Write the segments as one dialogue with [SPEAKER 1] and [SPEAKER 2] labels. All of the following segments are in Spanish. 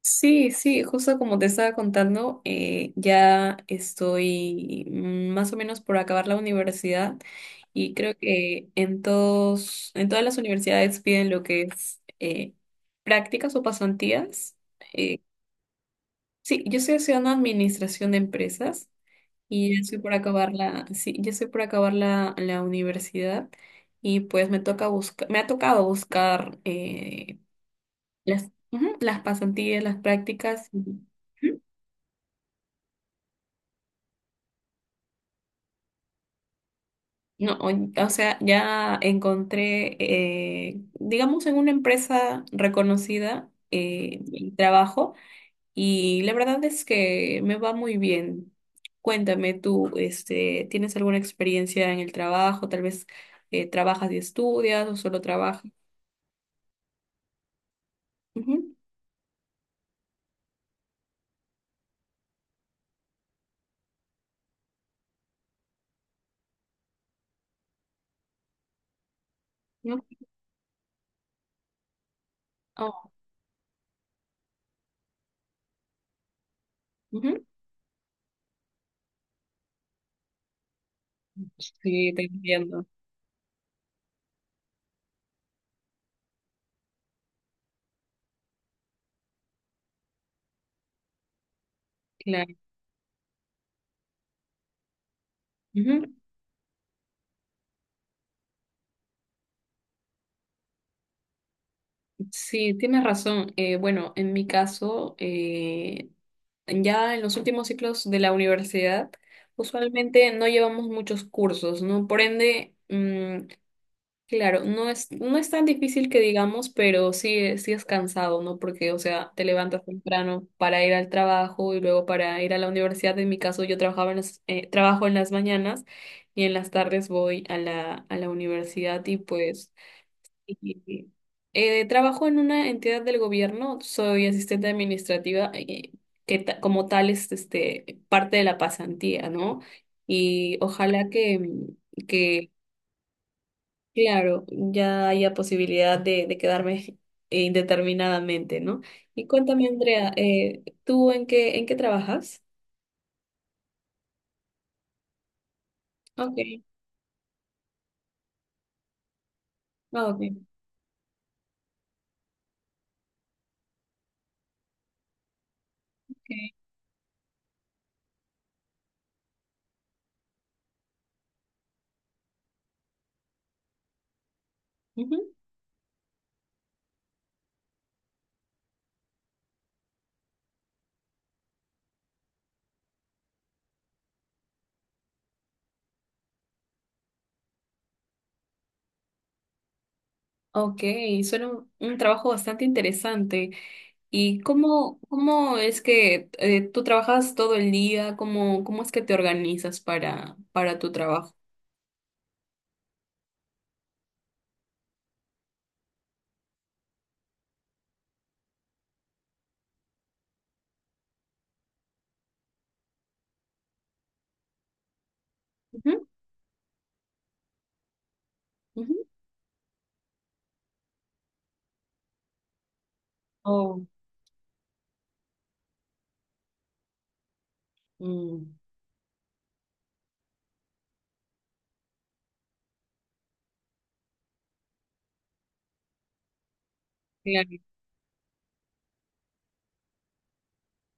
[SPEAKER 1] Sí, sí, justo como te estaba contando, ya estoy más o menos por acabar la universidad y creo que en todas las universidades piden lo que es prácticas o pasantías. Eh, sí, yo estoy haciendo administración de empresas y ya estoy por sí, ya estoy por acabar la universidad y pues me toca me ha tocado buscar las, ujú, las pasantías, las prácticas. No, o sea, ya encontré, digamos, en una empresa reconocida el trabajo y la verdad es que me va muy bien. Cuéntame tú, este, ¿tienes alguna experiencia en el trabajo? Tal vez trabajas y estudias o solo trabajas. Ujú, ¿no? Oh, ujú. Sí, te entiendo. Claro. Ujú. Sí, tienes razón. Bueno, en mi caso, ya en los últimos ciclos de la universidad, usualmente no llevamos muchos cursos, ¿no? Por ende, claro, no es tan difícil que digamos, pero sí, sí es cansado, ¿no? Porque, o sea, te levantas temprano para ir al trabajo y luego para ir a la universidad. En mi caso, yo trabajaba en trabajo en las mañanas y en las tardes voy a a la universidad y pues... Y, trabajo en una entidad del gobierno, soy asistente administrativa, que como tal es este, parte de la pasantía, ¿no? Y ojalá que claro, ya haya posibilidad de quedarme indeterminadamente, ¿no? Y cuéntame, Andrea, ¿tú en en qué trabajas? Ok, ah, ok, ok. Ujú. Ok, suena un trabajo bastante interesante. ¿Y cómo, cómo es que tú trabajas todo el día? ¿Cómo, cómo es que te organizas para tu trabajo? Ujú, ujú. Oh, mm. Claro,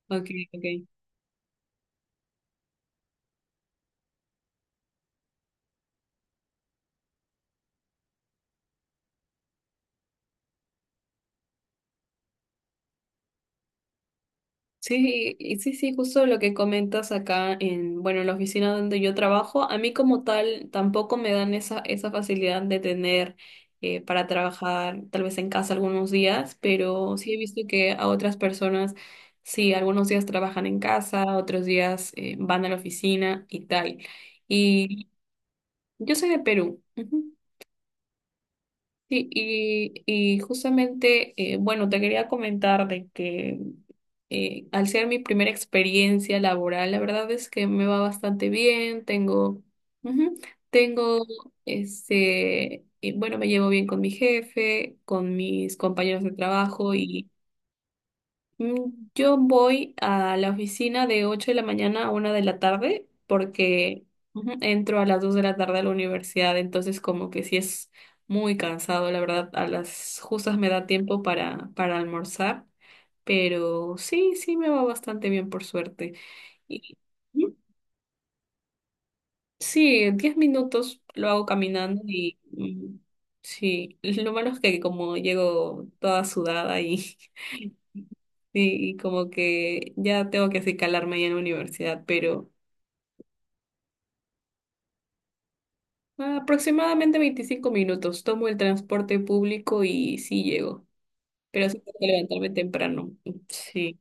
[SPEAKER 1] ok, ok. Sí, y sí, sí, justo lo que comentas acá en, bueno, en la oficina donde yo trabajo, a mí como tal tampoco me dan esa, esa facilidad de tener para trabajar tal vez en casa algunos días, pero sí he visto que a otras personas, sí, algunos días trabajan en casa, otros días van a la oficina y tal. Y yo soy de Perú. Ujú. Sí, y justamente, bueno, te quería comentar de que al ser mi primera experiencia laboral, la verdad es que me va bastante bien, tengo, ujú, tengo, este, bueno, me llevo bien con mi jefe, con mis compañeros de trabajo. Mm, yo voy a la oficina de 8 de la mañana a 1 de la tarde porque, ujú, entro a las 2 de la tarde a la universidad, entonces como que sí es muy cansado, la verdad, a las justas me da tiempo para almorzar, pero sí, sí me va bastante bien por suerte. Y, ujú, sí, 10 minutos lo hago caminando y sí, lo malo es que como llego toda sudada y... y como que ya tengo que así calarme ya en la universidad, pero aproximadamente 25 minutos. Tomo el transporte público y sí llego, pero sí tengo que levantarme temprano. Sí.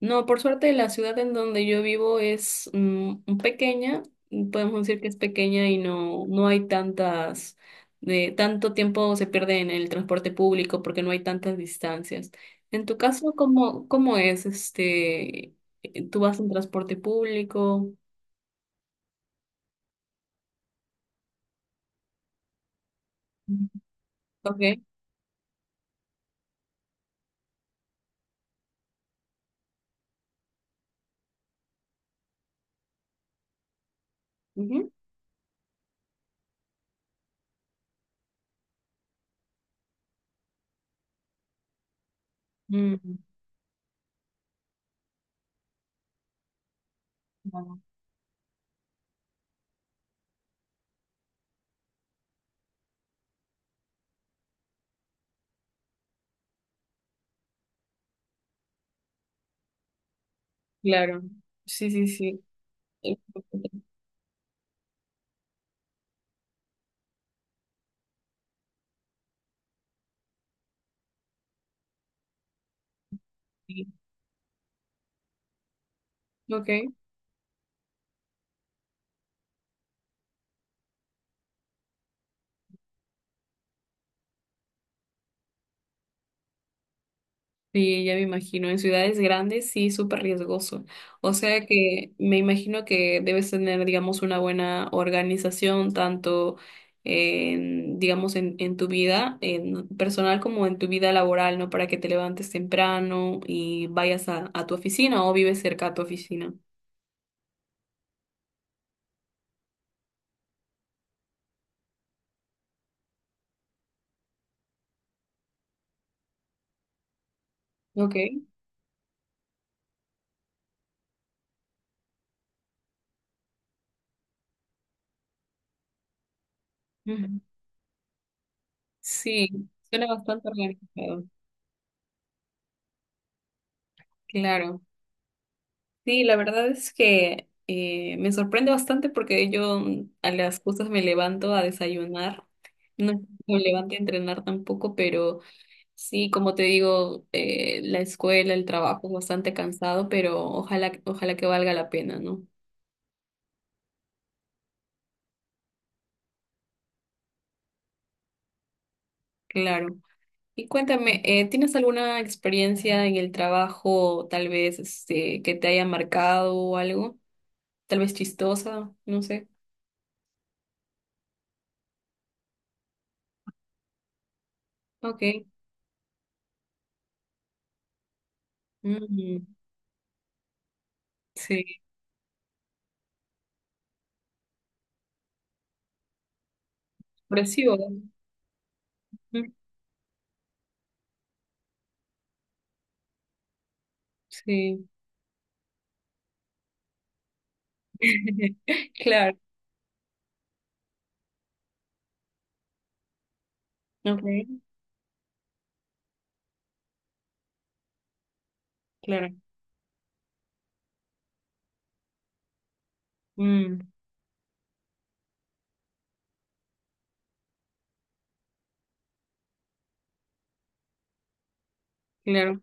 [SPEAKER 1] No, por suerte la ciudad en donde yo vivo es pequeña, podemos decir que es pequeña y no, no hay tantas, de, tanto tiempo se pierde en el transporte público porque no hay tantas distancias. En tu caso, ¿cómo, cómo es este? ¿Tú vas en transporte público? Mm. Ok. Ujú. Mm, no, claro. Sí, sí, sí. Eh, ok. Sí, ya me imagino. En ciudades grandes sí, súper riesgoso. O sea que me imagino que debes tener, digamos, una buena organización, tanto en, digamos, en tu vida en personal como en tu vida laboral, ¿no? Para que te levantes temprano y vayas a tu oficina o vives cerca a tu oficina. Ok. Ujú. Sí, suena bastante organizado. Claro, sí, la verdad es que me sorprende bastante porque yo a las justas me levanto a desayunar, no es que me levanto a entrenar tampoco, pero sí, como te digo, la escuela, el trabajo es bastante cansado, pero ojalá, ojalá que valga la pena, ¿no? Claro. Y cuéntame, ¿tienes alguna experiencia en el trabajo, tal vez este, que te haya marcado o algo? Tal vez chistosa, no sé. Ok. Mm, sí, expresivo. Mm, sí, claro, okay, claro, mm, claro,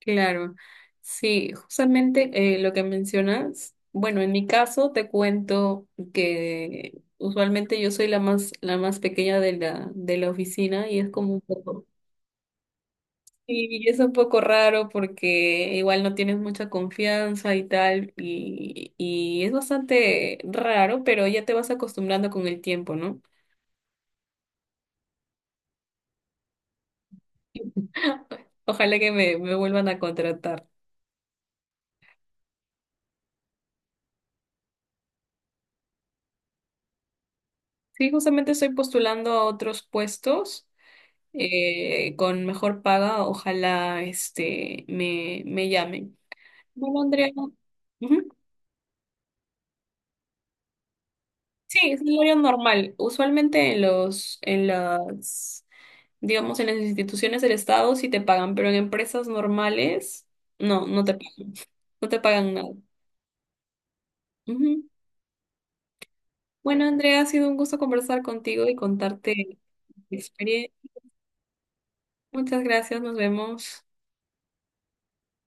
[SPEAKER 1] claro. Sí, justamente lo que mencionas, bueno, en mi caso te cuento que usualmente yo soy la más pequeña de de la oficina y es como un poco, sí, y es un poco raro porque igual no tienes mucha confianza y tal, y es bastante raro, pero ya te vas acostumbrando con el tiempo, ¿no? Ojalá que me vuelvan a contratar. Sí, justamente estoy postulando a otros puestos con mejor paga. Ojalá este me, me llamen. Bueno, Andrea. Ujú. Sí, es un horario normal. Usualmente en los, en las, digamos, en las instituciones del Estado sí te pagan, pero en empresas normales no, no te, no te pagan nada. Ujú. Bueno, Andrea, ha sido un gusto conversar contigo y contarte mi experiencia. Muchas gracias, nos vemos.